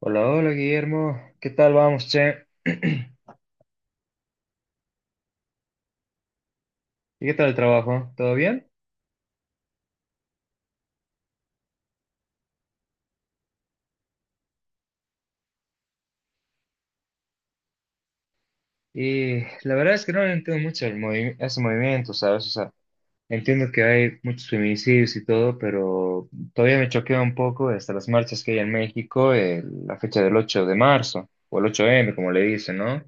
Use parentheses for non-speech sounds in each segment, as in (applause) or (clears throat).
Hola, hola Guillermo, ¿qué tal vamos, che? (clears throat) ¿Y qué tal el trabajo? ¿Todo bien? Y la verdad es que no entiendo mucho el ese movimiento, ¿sabes? O sea, entiendo que hay muchos feminicidios y todo, pero todavía me choquea un poco hasta las marchas que hay en México, la fecha del 8 de marzo, o el 8M como le dicen, ¿no?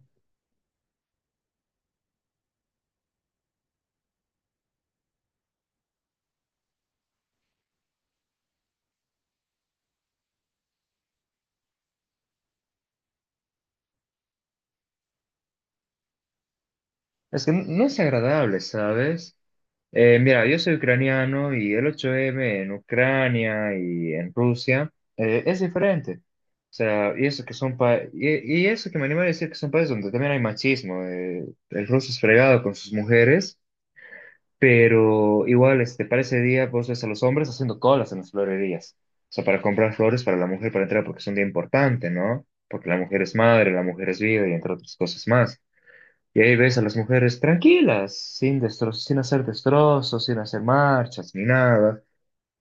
Es que no es agradable, ¿sabes? Mira, yo soy ucraniano y el 8M en Ucrania y en Rusia es diferente. O sea, y eso que son y eso que me anima a decir que son países donde también hay machismo. El ruso es fregado con sus mujeres, pero igual, para ese día vos ves a los hombres haciendo colas en las florerías. O sea, para comprar flores para la mujer para entrar porque es un día importante, ¿no? Porque la mujer es madre, la mujer es vida y entre otras cosas más. Y ahí ves a las mujeres tranquilas, sin destrozos, sin hacer destrozos, sin hacer marchas, ni nada.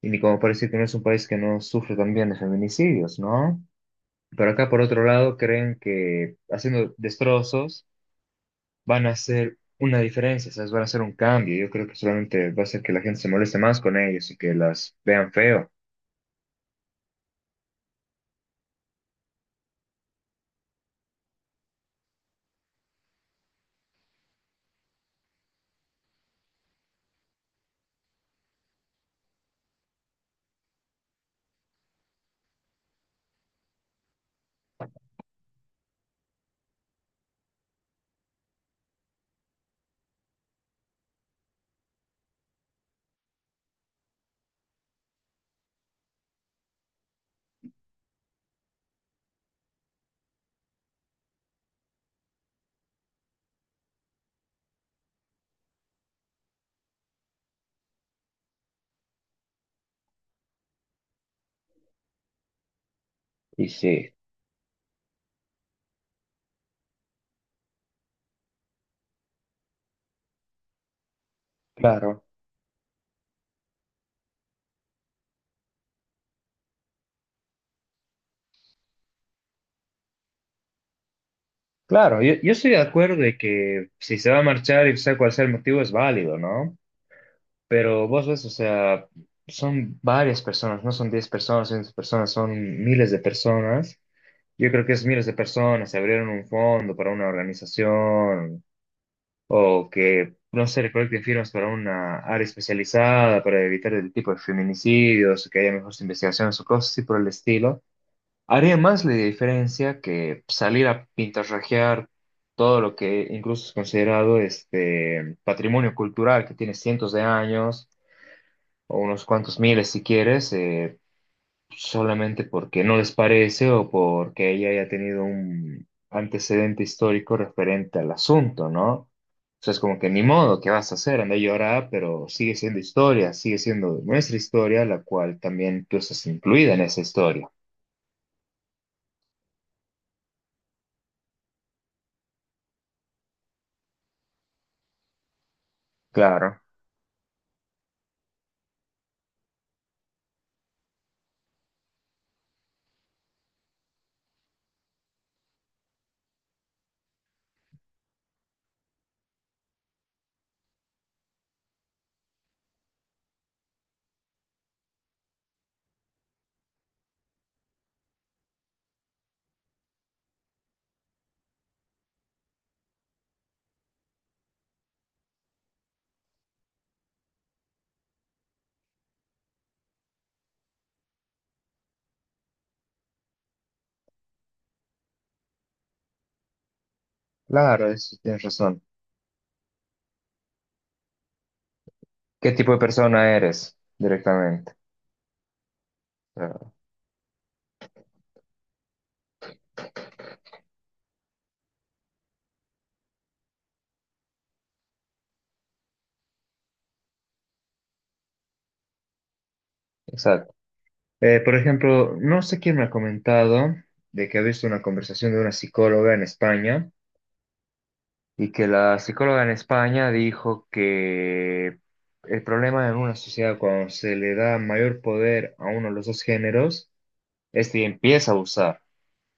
Y ni como parece que no es un país que no sufre también de feminicidios, ¿no? Pero acá, por otro lado, creen que haciendo destrozos van a hacer una diferencia, ¿sabes? Van a hacer un cambio. Yo creo que solamente va a hacer que la gente se moleste más con ellos y que las vean feo. Y sí, claro. Claro, yo estoy de acuerdo de que si se va a marchar y sea cual sea el motivo es válido, ¿no? Pero vos ves, o sea, son varias personas, no son 10 personas, 100 personas, son miles de personas. Yo creo que es miles de personas, se abrieron un fondo para una organización o que, no sé, recolecten firmas para una área especializada para evitar el tipo de feminicidios, que haya mejores investigaciones o cosas así por el estilo. Haría más la diferencia que salir a pintarrajear todo lo que incluso es considerado este patrimonio cultural que tiene cientos de años o unos cuantos miles si quieres, solamente porque no les parece o porque ella haya tenido un antecedente histórico referente al asunto, ¿no? O sea, es como que ni modo, ¿qué vas a hacer? Anda a llorar, pero sigue siendo historia, sigue siendo nuestra historia, la cual también tú estás incluida en esa historia. Claro, claro, eso tienes razón. ¿Qué tipo de persona eres directamente? Claro, exacto. Por ejemplo, no sé quién me ha comentado de que ha visto una conversación de una psicóloga en España y que la psicóloga en España dijo que el problema en una sociedad cuando se le da mayor poder a uno de los dos géneros, este empieza a abusar.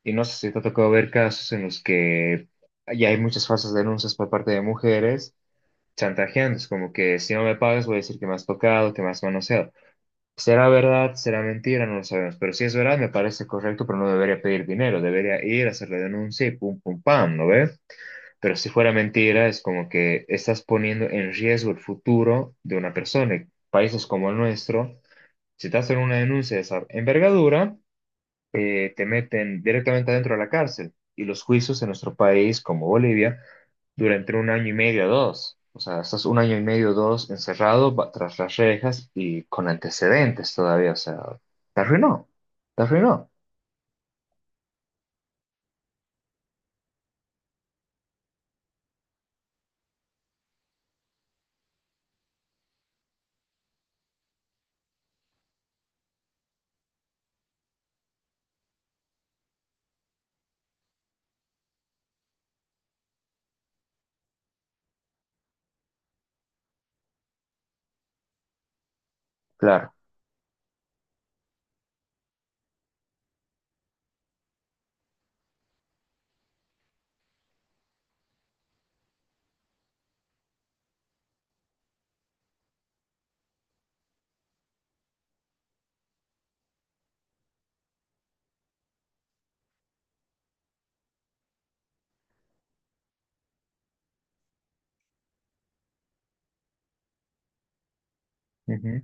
Y no sé si te ha tocado ver casos en los que ya hay muchas falsas denuncias por parte de mujeres chantajeando, es como que si no me pagas voy a decir que me has tocado, que me has manoseado. Será verdad, será mentira, no lo sabemos. Pero si es verdad, me parece correcto, pero no debería pedir dinero. Debería ir a hacer la denuncia y pum, pum, pam, ¿no ve? Pero si fuera mentira, es como que estás poniendo en riesgo el futuro de una persona. Y países como el nuestro, si te hacen una denuncia de esa envergadura, te meten directamente adentro de la cárcel. Y los juicios en nuestro país, como Bolivia, durante 1 año y medio, o dos. O sea, estás 1 año y medio, o dos, encerrado tras las rejas y con antecedentes todavía. O sea, te arruinó, te arruinó, claro. Ujú.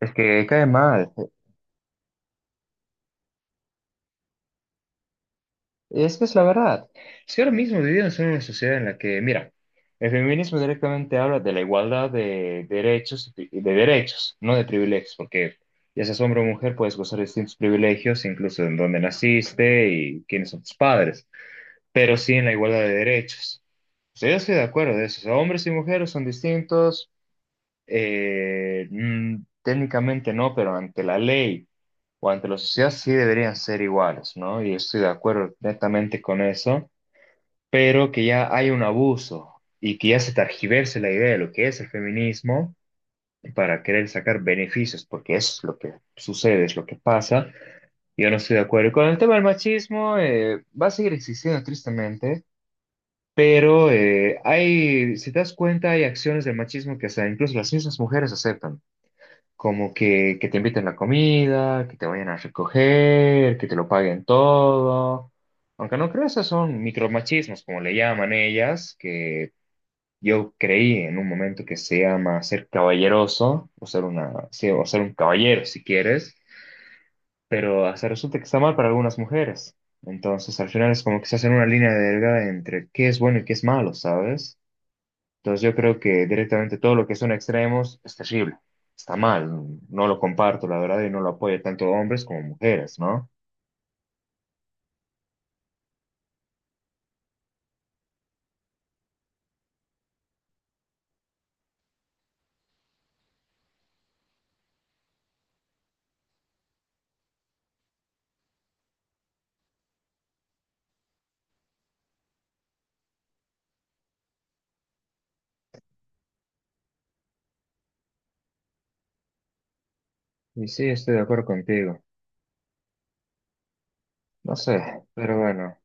Es que cae mal. Es que es la verdad. Si ahora mismo vivimos en una sociedad en la que, mira, el feminismo directamente habla de la igualdad de derechos, y de derechos, no de privilegios, porque ya seas hombre o mujer, puedes gozar de distintos privilegios, incluso en dónde naciste y quiénes son tus padres. Pero sí en la igualdad de derechos. O sea, yo estoy de acuerdo de eso. O sea, hombres y mujeres son distintos, técnicamente no, pero ante la ley o ante la sociedad sí deberían ser iguales, ¿no? Y estoy de acuerdo netamente con eso, pero que ya hay un abuso y que ya se targiverse la idea de lo que es el feminismo para querer sacar beneficios, porque eso es lo que sucede, es lo que pasa. Yo no estoy de acuerdo. Y con el tema del machismo, va a seguir existiendo tristemente pero si te das cuenta, hay acciones del machismo que hasta incluso las mismas mujeres aceptan, como que te inviten la comida, que te vayan a recoger, que te lo paguen todo. Aunque no creo, esos son micromachismos, como le llaman ellas, que yo creí en un momento que se llama ser caballeroso, o ser una, sí, o ser un caballero si quieres, pero hasta resulta que está mal para algunas mujeres. Entonces, al final es como que se hace una línea delgada entre qué es bueno y qué es malo, ¿sabes? Entonces yo creo que directamente todo lo que son extremos es terrible, está mal, no lo comparto, la verdad, y no lo apoyo tanto hombres como mujeres, ¿no? Y sí, estoy de acuerdo contigo, no sé, pero bueno,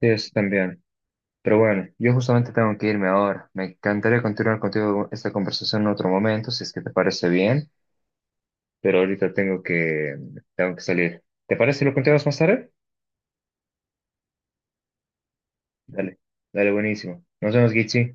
sí, eso también. Pero bueno, yo justamente tengo que irme ahora. Me encantaría continuar contigo esta conversación en otro momento, si es que te parece bien, pero ahorita tengo que, salir. ¿Te parece si lo continuamos más tarde? Dale, dale, buenísimo. Nos vemos, Gichi.